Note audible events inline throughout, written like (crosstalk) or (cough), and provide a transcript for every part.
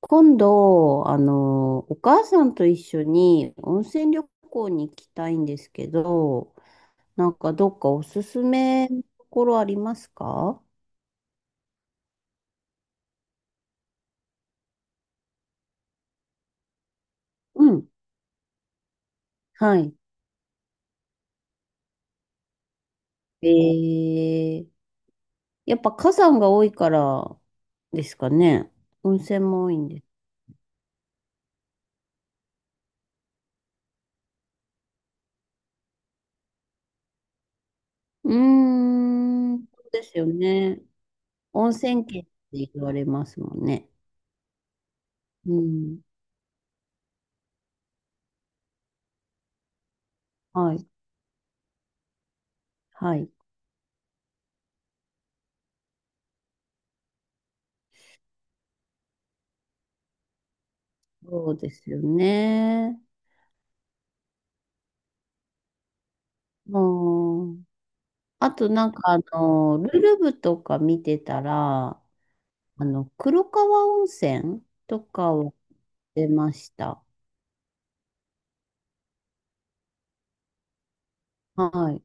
今度、お母さんと一緒に温泉旅行に行きたいんですけど、なんかどっかおすすめのところありますか？うん。はい。えー、やっぱ火山が多いからですかね。温泉も多いんです。うーん、そうですよね。温泉県って言われますもんね。うん。はい。はい。そうですよね。うん。あとなんかルルブとか見てたら、黒川温泉とかを出ました。はい、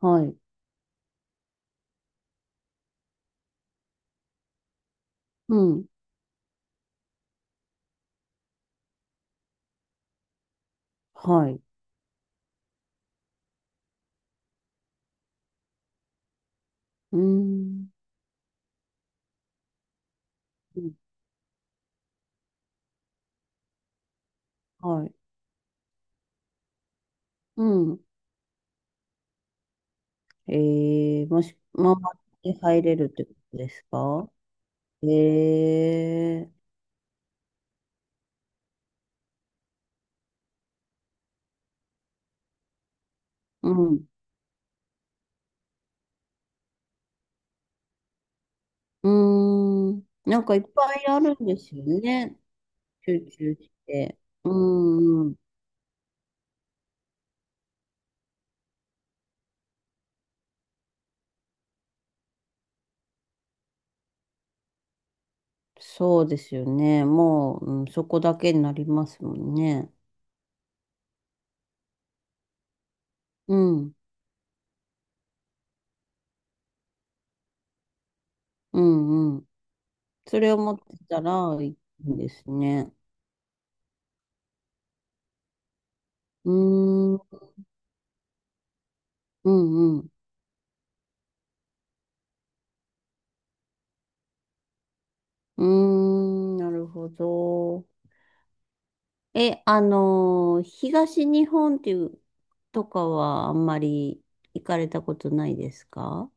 はい、うん、はい、うーん、うんはい、うん。えもし、回って入れるってことですか？えー、うん、うーん。なんかいっぱいあるんですよね。集中して。うーん、そうですよね。もう、うん、そこだけになりますもんね。うん、うん、うん。それを持ってたらいいんですね。うーん、うん、うん。うーん、なるほど。え、東日本っていう、とかはあんまり行かれたことないですか？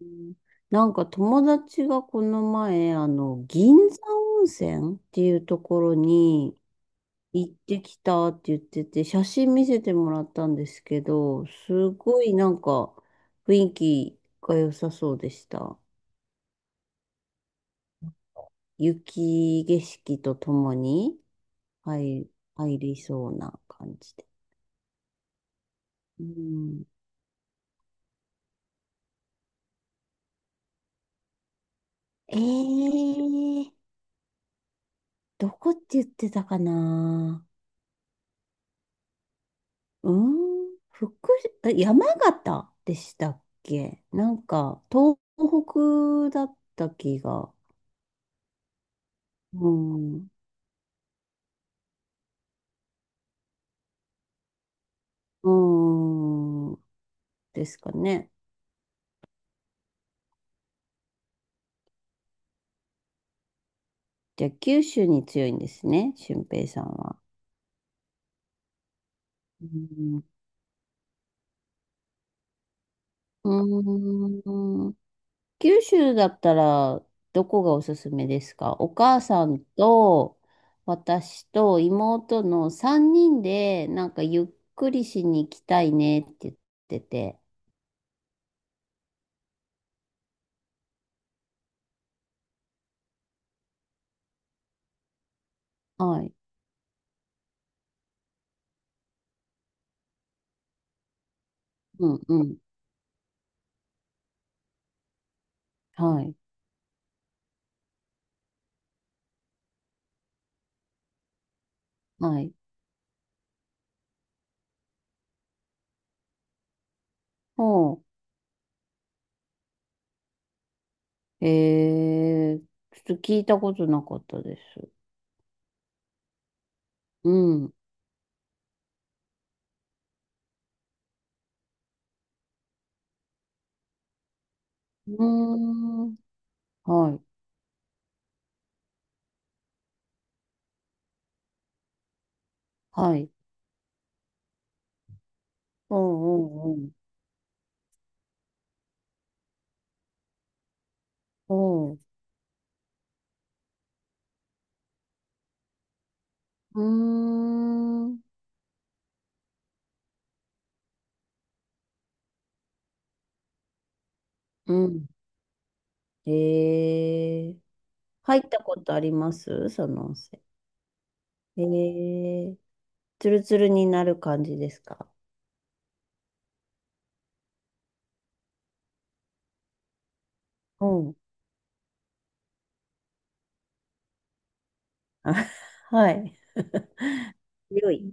うん (laughs) なんか友達がこの前、銀山温泉っていうところに、行ってきたって言ってて、写真見せてもらったんですけど、すごいなんか雰囲気が良さそうでした。雪景色とともに入、入りそうな感じで。うん、えー、どこって言ってたかな。うん、あ山形でしたっけなんか東北だった気が。うん。うーん。ですかね。じゃあ、九州に強いんですね、俊平さんは。うん、うーん九州だったら、どこがおすすめですか？お母さんと、私と妹の3人で、なんかゆっくりしに行きたいねって言ってて。はい。うんうん。はい。はい。ほう。ちょっと聞いたことなかったです。うん。うーん。はい。はい。うんうんうん。うん。うーん。うん。へえ。入ったことありますその温泉？へえ。ツルツルになる感じですか？うん。あ (laughs) はい。強い。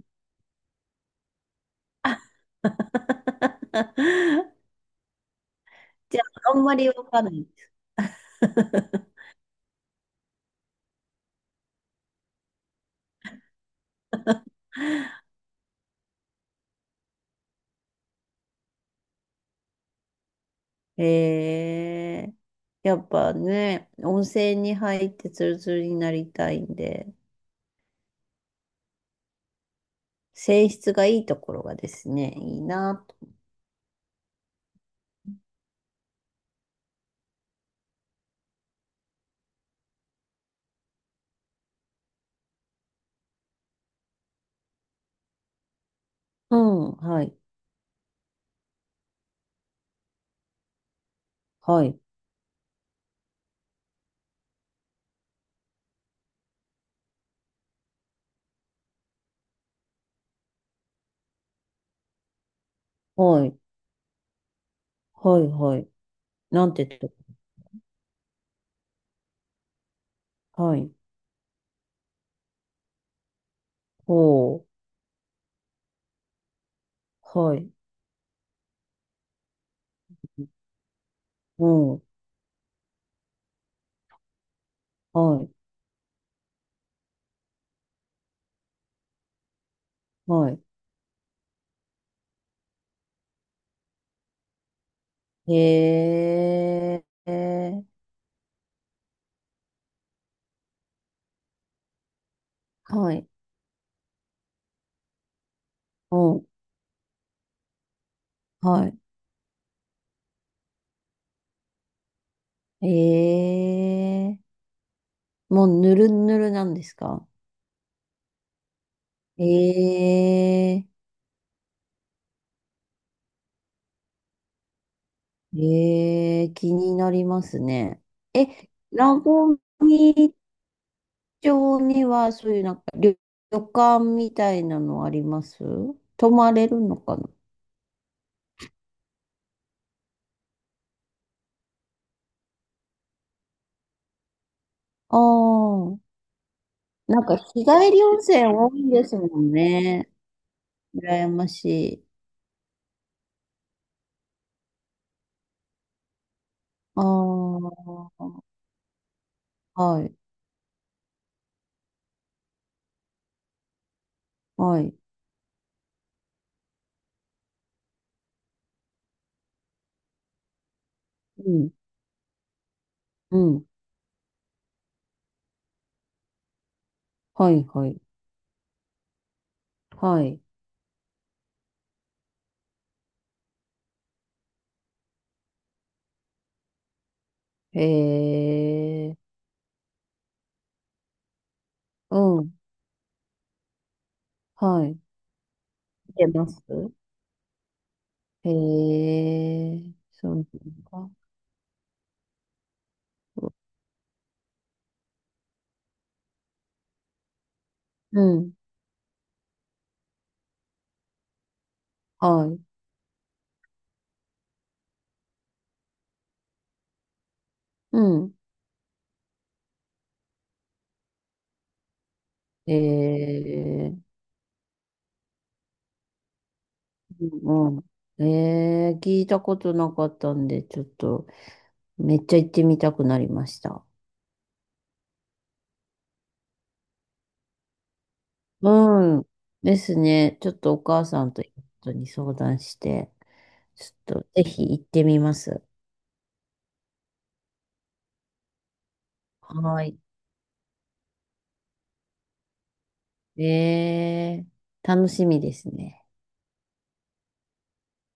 (laughs) じゃあ、あんまりわかんない。(laughs) へえ。やっぱね、温泉に入ってツルツルになりたいんで、泉質がいいところがですね、いいなと。うん、はい。はい、はい、はい、はい。なんてとこ。はい、ほう、はい、うん、はい、はい。へえ、はい、うん、はい。ええ、もうぬるぬるなんですか？ええ、ええ、気になりますね。え、ラゴミ町にはそういうなんか旅館みたいなのあります？泊まれるのかな。ああ、なんか日帰り温泉多いですもんね。羨ましい。ああ、はい、はい。うん、うん、はい、はい、はい。へえ、うん、はい。見てます。へえ、そうですか。うん、はい、うん。ええ、うん。ええ、聞いたことなかったんで、ちょっと、めっちゃ行ってみたくなりました。うん。ですね。ちょっとお母さんと夫に相談して、ちょっとぜひ行ってみます。はい。えー、楽しみですね。